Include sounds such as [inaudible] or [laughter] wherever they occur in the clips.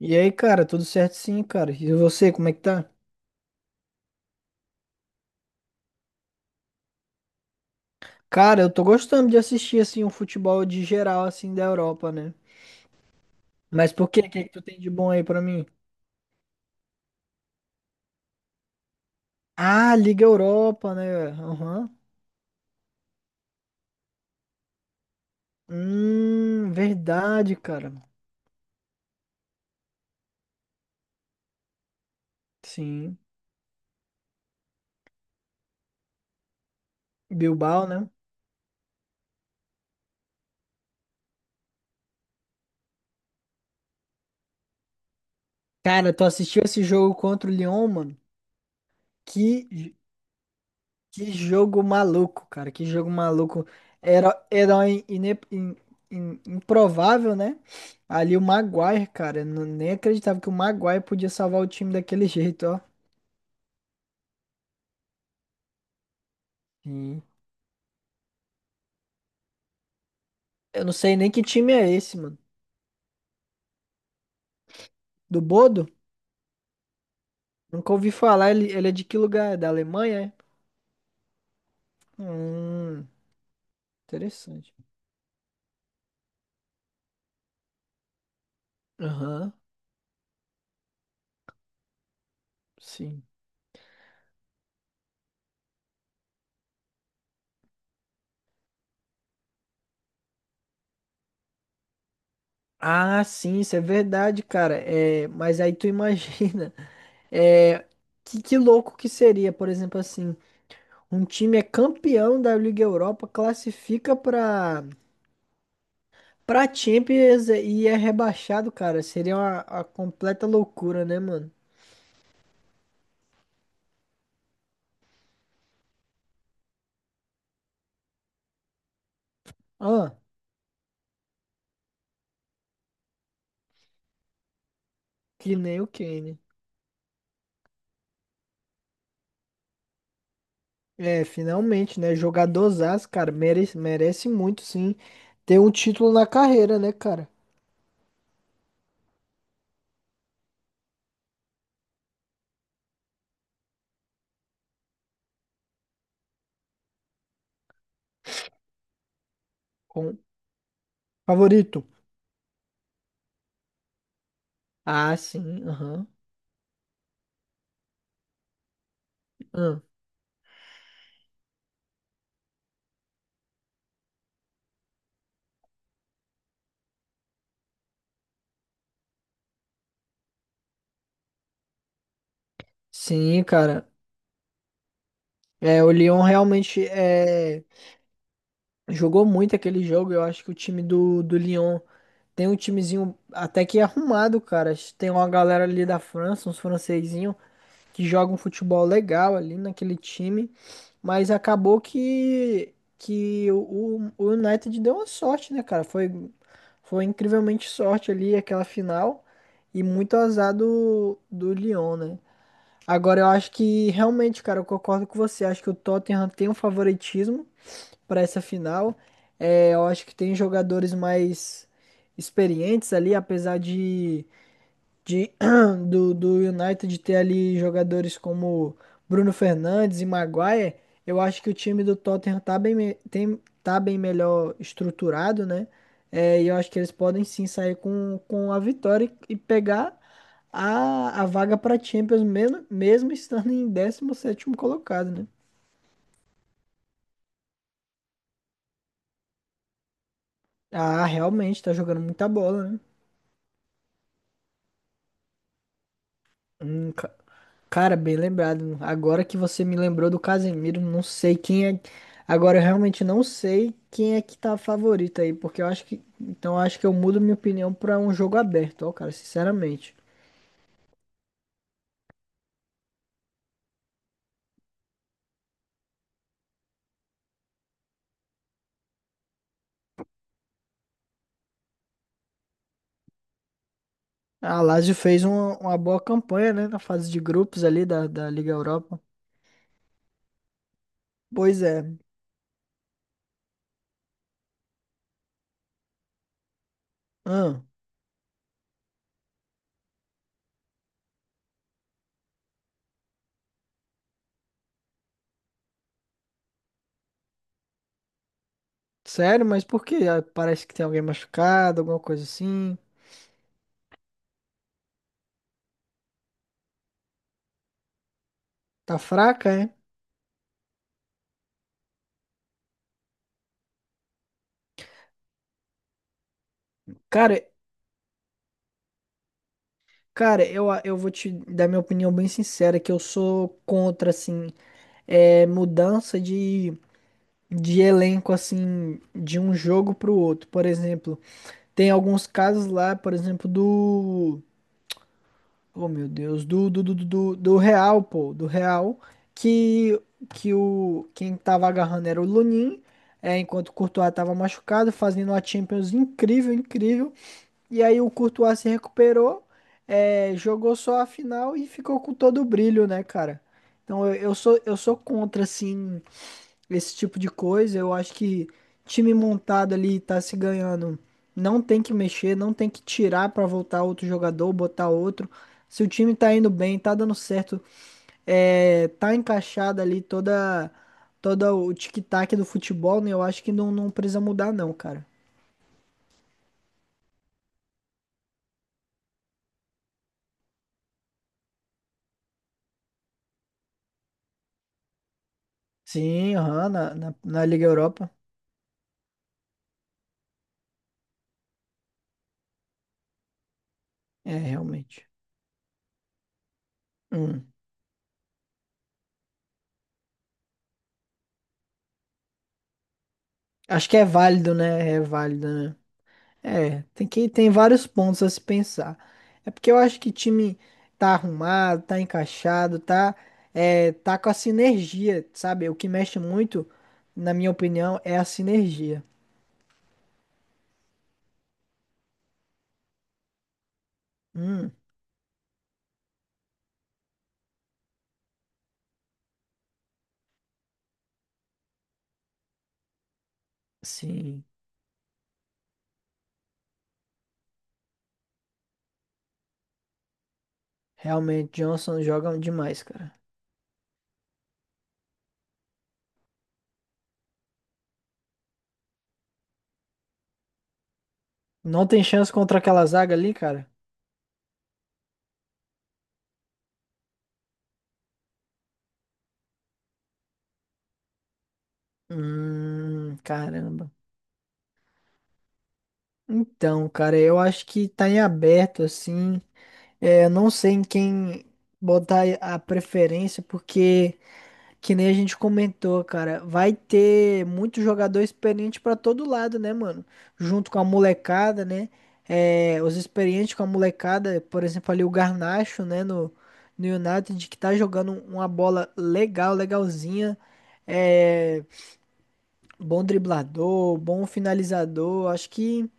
E aí, cara, tudo certo sim, cara. E você, como é que tá? Cara, eu tô gostando de assistir assim um futebol de geral assim da Europa, né? Mas por quê? O que é que tu tem de bom aí pra mim? Ah, Liga Europa, né? Aham. Verdade, cara. Sim. Bilbao, né? Cara, tu assistiu esse jogo contra o Lyon, mano? Que Que jogo maluco, cara. Que jogo maluco. Era, herói improvável, né? Ali o Maguire, cara. Eu não- Nem acreditava que o Maguire podia salvar o time daquele [laughs] jeito, ó. Sim. Eu não sei nem que time é esse, mano. Do Bodo? Nunca ouvi falar. Ele é de que lugar? É da Alemanha, é? Hum, interessante. Aham, sim. Ah, sim, isso é verdade, cara. É, mas aí tu imagina. [laughs] É, que louco que seria, por exemplo, assim. Um time é campeão da Liga Europa, classifica pra Champions e é rebaixado, cara. Seria uma completa loucura, né, mano? Ah, que nem o Kane. É, finalmente, né? Jogadorzaço, cara. Merece, merece muito, sim. Ter um título na carreira, né, cara? Com favorito. Ah, sim, aham. Aham. Sim, cara. É, o Lyon realmente é. Jogou muito aquele jogo, eu acho que o time do Lyon tem um timezinho até que arrumado, cara. Tem uma galera ali da França, uns francesinhos, que jogam um futebol legal ali naquele time, mas acabou que o United deu uma sorte, né, cara? Foi incrivelmente sorte ali aquela final e muito azar do Lyon, né? Agora eu acho que realmente, cara, eu concordo com você, acho que o Tottenham tem um favoritismo para essa final. É, eu acho que tem jogadores mais experientes ali, apesar de [clears throat] do United ter ali jogadores como Bruno Fernandes e Maguire. Eu acho que o time do Tottenham tá bem, tem, tá bem melhor estruturado, né? É, e eu acho que eles podem sim sair com a vitória e pegar a vaga para Champions, mesmo, mesmo estando em 17º colocado, né? Ah, realmente, tá jogando muita bola, né? Hum, ca- Cara, bem lembrado. Agora que você me lembrou do Casemiro, não sei quem é. Agora eu realmente não sei quem é que tá favorito aí, porque eu acho que. Então eu acho que eu mudo minha opinião pra um jogo aberto, ó, cara, sinceramente. A Lazio fez uma boa campanha, né, na fase de grupos ali da Liga Europa. Pois é. Ah, sério, mas por quê? Ah, parece que tem alguém machucado, alguma coisa assim. Tá fraca, é? Cara, cara, eu vou te dar minha opinião bem sincera, que eu sou contra, assim. É, mudança de elenco, assim, de um jogo pro outro. Por exemplo, tem alguns casos lá, por exemplo, do. Oh, meu Deus, do Real, pô, do Real, que, que o, quem tava agarrando era o Lunin. É, enquanto o Courtois tava machucado, fazendo uma Champions incrível, incrível. E aí o Courtois se recuperou, é, jogou só a final e ficou com todo o brilho, né, cara? Então eu sou contra, assim, esse tipo de coisa, eu acho que time montado ali tá se ganhando. Não tem que mexer, não tem que tirar pra voltar outro jogador, botar outro. Se o time tá indo bem, tá dando certo, é, tá encaixado ali toda o tic-tac do futebol, né? Eu acho que não, não precisa mudar não, cara. Sim, aham, na Liga Europa. É, realmente. Hum. Acho que é válido, né? É válido, né? É, tem vários pontos a se pensar. É porque eu acho que time tá arrumado, tá encaixado, tá é, tá com a sinergia, sabe? O que mexe muito, na minha opinião, é a sinergia. Hum, sim. Realmente, Johnson joga demais, cara. Não tem chance contra aquela zaga ali, cara? Caramba. Então, cara, eu acho que tá em aberto, assim. É, eu não sei em quem botar a preferência, porque. Que nem a gente comentou, cara, vai ter muito jogador experiente pra todo lado, né, mano? Junto com a molecada, né? É, os experientes com a molecada, por exemplo, ali o Garnacho, né, no United, que tá jogando uma bola legal, legalzinha. É, bom driblador, bom finalizador.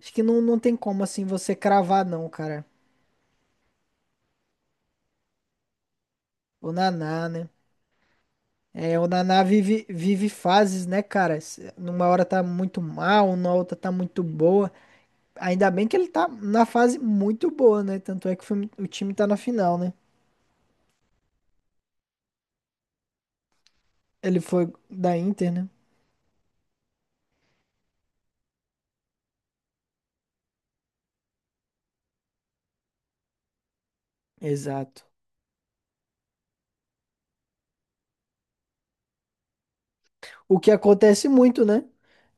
Acho que não, não tem como, assim, você cravar, não, cara. O Naná, né? É, o Naná vive fases, né, cara? Se- Numa hora tá muito mal, na outra tá muito boa. Ainda bem que ele tá na fase muito boa, né? Tanto é que o time tá na final, né? Ele foi da Inter, né? Exato. O que acontece muito, né?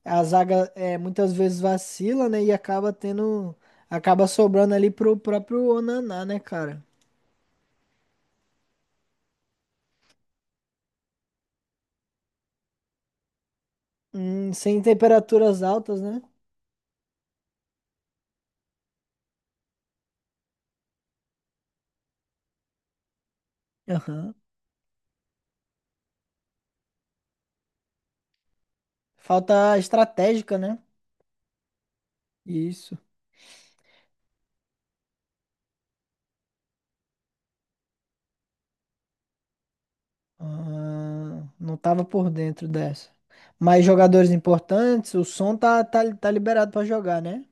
A zaga é, muitas vezes vacila, né? E acaba tendo. Acaba sobrando ali pro próprio Onaná, né, cara? Sem temperaturas altas, né? Aham. Falta estratégica, né? Isso. Ah, não tava por dentro dessa. Mas jogadores importantes, o som tá liberado pra jogar, né?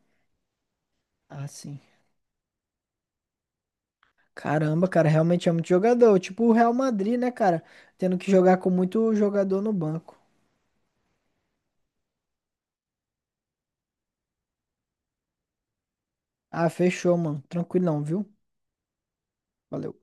Ah, sim. Caramba, cara, realmente é muito jogador. Tipo o Real Madrid, né, cara? Tendo que jogar com muito jogador no banco. Ah, fechou, mano. Tranquilão, viu? Valeu.